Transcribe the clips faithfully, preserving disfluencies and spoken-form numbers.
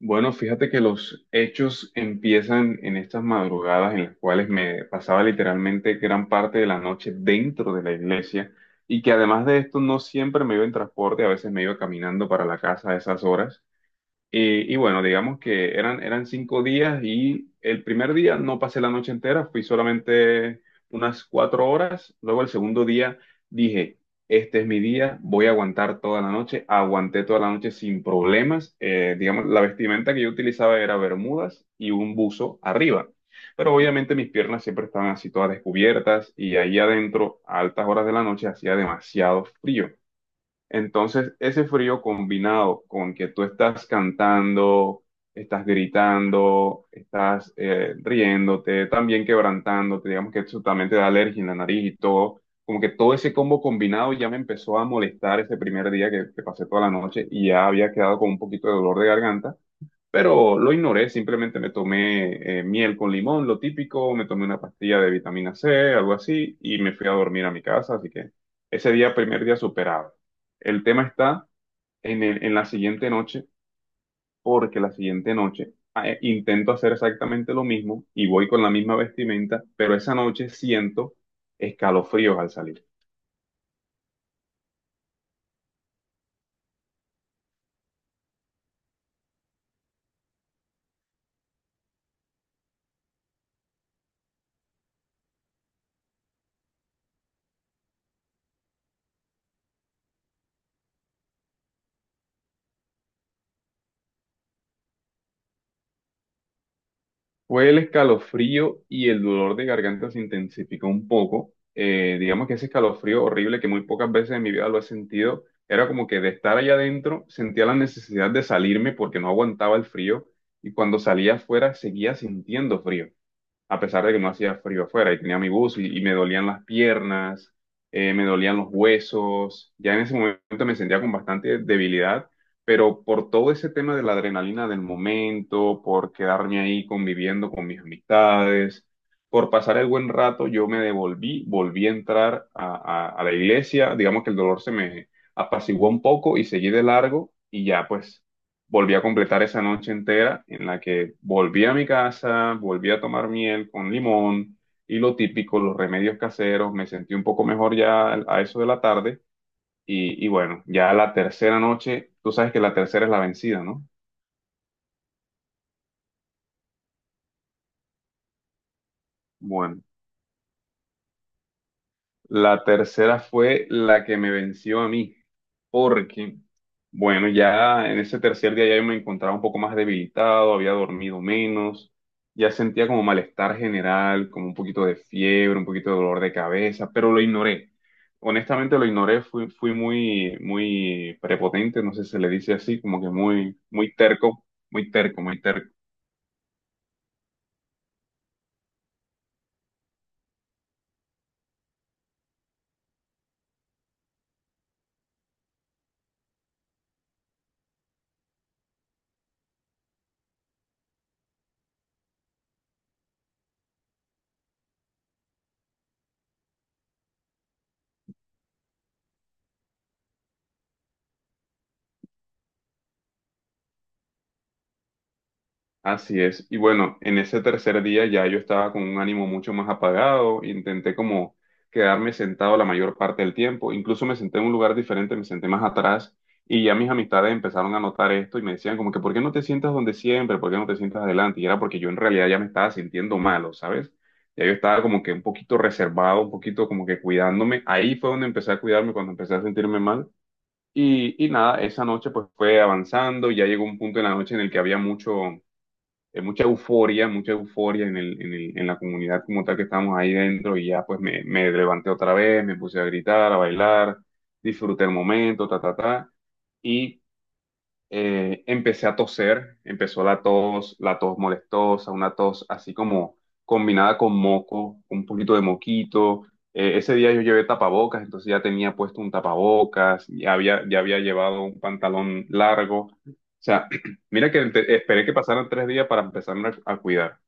Bueno, fíjate que los hechos empiezan en estas madrugadas en las cuales me pasaba literalmente gran parte de la noche dentro de la iglesia y que además de esto no siempre me iba en transporte, a veces me iba caminando para la casa a esas horas. Eh, y bueno, digamos que eran, eran cinco días y el primer día no pasé la noche entera, fui solamente unas cuatro horas. Luego el segundo día dije, este es mi día, voy a aguantar toda la noche. Aguanté toda la noche sin problemas. Eh, digamos, la vestimenta que yo utilizaba era bermudas y un buzo arriba. Pero obviamente mis piernas siempre estaban así todas descubiertas y ahí adentro, a altas horas de la noche, hacía demasiado frío. Entonces, ese frío combinado con que tú estás cantando, estás gritando, estás eh, riéndote, también quebrantándote, digamos que eso también te da alergia en la nariz y todo, como que todo ese combo combinado ya me empezó a molestar ese primer día que, que pasé toda la noche y ya había quedado con un poquito de dolor de garganta, pero lo ignoré, simplemente me tomé eh, miel con limón, lo típico, me tomé una pastilla de vitamina C, algo así, y me fui a dormir a mi casa, así que ese día, primer día superado. El tema está en, el- en la siguiente noche, porque la siguiente noche ah, eh, intento hacer exactamente lo mismo y voy con la misma vestimenta, pero esa noche siento escalofríos al salir. Fue el escalofrío y el dolor de garganta se intensificó un poco. Eh, digamos que ese escalofrío horrible que muy pocas veces en mi vida lo he sentido, era como que de estar allá adentro sentía la necesidad de salirme porque no aguantaba el frío, y cuando salía afuera seguía sintiendo frío a pesar de que no hacía frío afuera y tenía mi buzo y, y me dolían las piernas, eh, me dolían los huesos, ya en ese momento me sentía con bastante debilidad, pero por todo ese tema de la adrenalina del momento, por quedarme ahí conviviendo con mis amistades, por pasar el buen rato, yo me devolví, volví a entrar a, a a la iglesia, digamos que el dolor se me apaciguó un poco y seguí de largo y ya pues volví a completar esa noche entera en la que volví a mi casa, volví a tomar miel con limón y lo típico, los remedios caseros, me sentí un poco mejor ya a eso de la tarde y, y bueno, ya la tercera noche, tú sabes que la tercera es la vencida, ¿no? Bueno, la tercera fue la que me venció a mí, porque, bueno, ya en ese tercer día ya yo me encontraba un poco más debilitado, había dormido menos, ya sentía como malestar general, como un poquito de fiebre, un poquito de dolor de cabeza, pero lo ignoré. Honestamente lo ignoré, fui, fui muy, muy prepotente, no sé si se le dice así, como que muy, muy terco, muy terco, muy terco. Así es. Y bueno, en ese tercer día ya yo estaba con un ánimo mucho más apagado, intenté como quedarme sentado la mayor parte del tiempo, incluso me senté en un lugar diferente, me senté más atrás y ya mis amistades empezaron a notar esto y me decían como que, ¿por qué no te sientas donde siempre? ¿Por qué no te sientas adelante? Y era porque yo en realidad ya me estaba sintiendo malo, ¿sabes? Ya yo estaba como que un poquito reservado, un poquito como que cuidándome. Ahí fue donde empecé a cuidarme, cuando empecé a sentirme mal. Y, y nada, esa noche pues fue avanzando, ya llegó un punto en la noche en el que había mucho eh, mucha euforia, mucha euforia en el, en el- en la comunidad como tal que estábamos ahí dentro y ya pues me, me levanté otra vez, me puse a gritar, a bailar, disfruté el momento, ta, ta, ta. Y eh, empecé a toser, empezó la tos, la tos molestosa, una tos así como combinada con moco, un poquito de moquito. Eh, ese día yo llevé tapabocas, entonces ya tenía puesto un tapabocas, ya había, ya había llevado un pantalón largo. O sea, mira que te- esperé que pasaran tres días para empezarme a, a cuidar.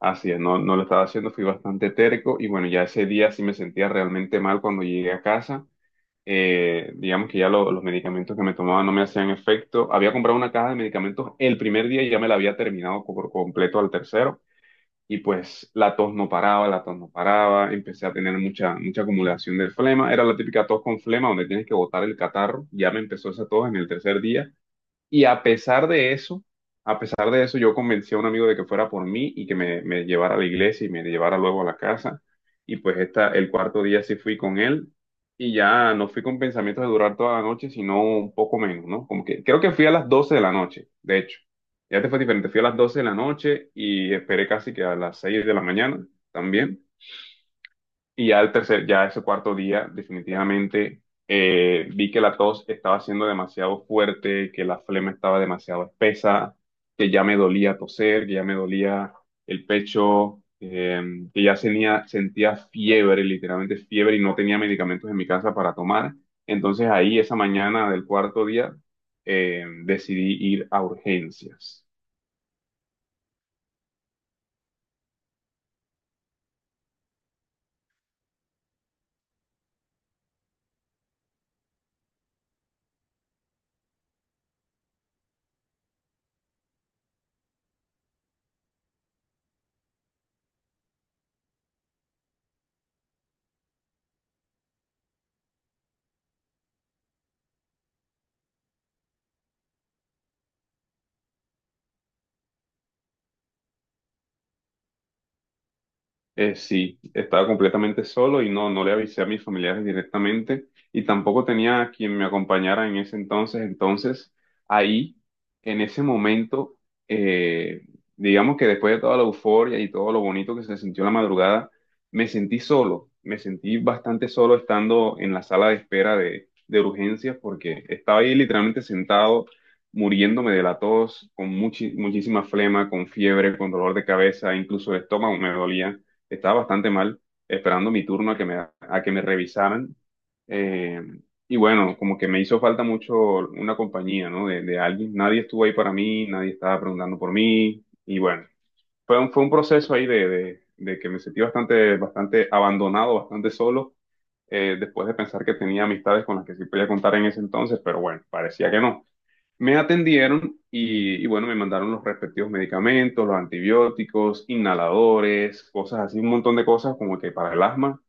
Así es, no, no lo estaba haciendo, fui bastante terco y bueno, ya ese día sí me sentía realmente mal cuando llegué a casa. Eh, digamos que ya lo- los medicamentos que me tomaba no me hacían efecto. Había comprado una caja de medicamentos el primer día y ya me la había terminado co- por completo al tercero. Y pues la tos no paraba, la tos no paraba, empecé a tener mucha, mucha acumulación de flema. Era la típica tos con flema donde tienes que botar el catarro. Ya me empezó esa tos en el tercer día. Y a pesar de eso, a pesar de eso, yo convencí a un amigo de que fuera por mí y que me, me llevara a la iglesia y me llevara luego a la casa. Y pues esta, el cuarto día sí fui con él y ya no fui con pensamientos de durar toda la noche, sino un poco menos, ¿no? Como que creo que fui a las doce de la noche, de hecho. Ya te fue diferente, fui a las doce de la noche y esperé casi que a las seis de la mañana también. Y ya el tercer, ya ese cuarto día, definitivamente eh, vi que la tos estaba siendo demasiado fuerte, que la flema estaba demasiado espesa, que ya me dolía toser, que ya me dolía el pecho, eh, que ya tenía, sentía fiebre, literalmente fiebre, y no tenía medicamentos en mi casa para tomar. Entonces ahí, esa mañana del cuarto día, eh, decidí ir a urgencias. Eh, sí, estaba completamente solo y no, no le avisé a mis familiares directamente y tampoco tenía a quien me acompañara en ese entonces. Entonces, ahí, en ese momento, eh, digamos que después de toda la euforia y todo lo bonito que se sintió la madrugada, me sentí solo, me sentí bastante solo estando en la sala de espera de, de urgencias porque estaba ahí literalmente sentado, muriéndome de la tos, con muchi- muchísima flema, con fiebre, con dolor de cabeza, incluso el estómago me dolía. Estaba bastante mal esperando mi turno a que me, a que me revisaran. Eh, y bueno, como que me hizo falta mucho una compañía, ¿no? De, de alguien. Nadie estuvo ahí para mí, nadie estaba preguntando por mí. Y bueno, fue un, fue un proceso ahí de, de- de que me sentí bastante, bastante abandonado, bastante solo, eh, después de pensar que tenía amistades con las que sí podía contar en ese entonces, pero bueno, parecía que no. Me atendieron y, y bueno, me mandaron los respectivos medicamentos, los antibióticos, inhaladores, cosas así, un montón de cosas como que para el asma.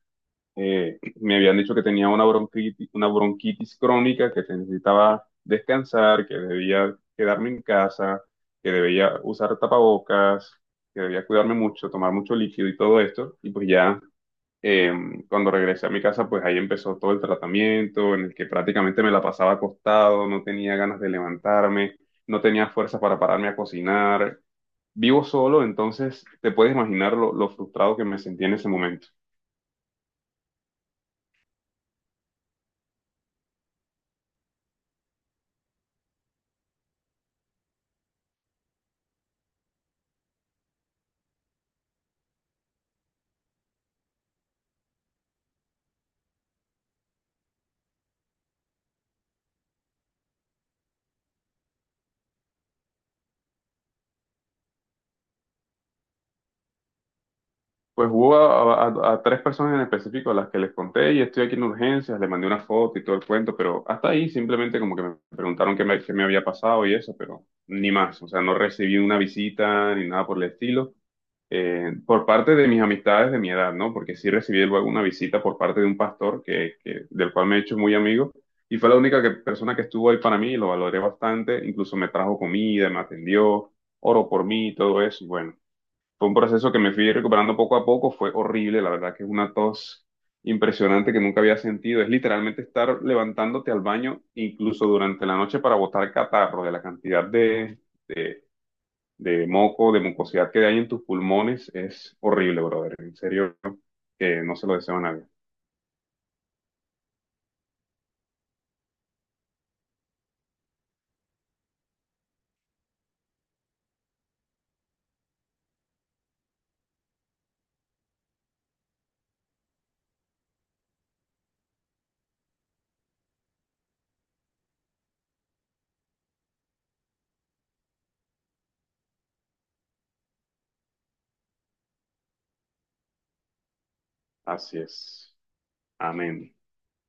Eh, me habían dicho que tenía una bronquitis, una bronquitis crónica, que necesitaba descansar, que debía quedarme en casa, que debía usar tapabocas, que debía cuidarme mucho, tomar mucho líquido y todo esto. Y pues ya eh, cuando regresé a mi casa, pues ahí empezó todo el tratamiento en el que prácticamente me la pasaba acostado, no tenía ganas de levantarme, no tenía fuerza para pararme a cocinar. Vivo solo, entonces te puedes imaginar lo, lo frustrado que me sentí en ese momento. Pues hubo a, a- a tres personas en específico a las que les conté y estoy aquí en urgencias, les mandé una foto y todo el cuento, pero hasta ahí simplemente como que me preguntaron qué me, qué me había pasado y eso, pero ni más, o sea, no recibí una visita ni nada por el estilo, eh, por parte de mis amistades de mi edad, ¿no? Porque sí recibí luego una visita por parte de un pastor que, que- del cual me he hecho muy amigo y fue la única que- persona que estuvo ahí para mí, y lo valoré bastante, incluso me trajo comida, me atendió, oró por mí y todo eso, y bueno. Fue un proceso que me fui recuperando poco a poco, fue horrible, la verdad que es una tos impresionante que nunca había sentido. Es literalmente estar levantándote al baño, incluso durante la noche, para botar catarro de la cantidad de, de, de moco, de mucosidad que hay en tus pulmones. Es horrible, brother. En serio, que no se lo deseo a nadie. Así es. Amén.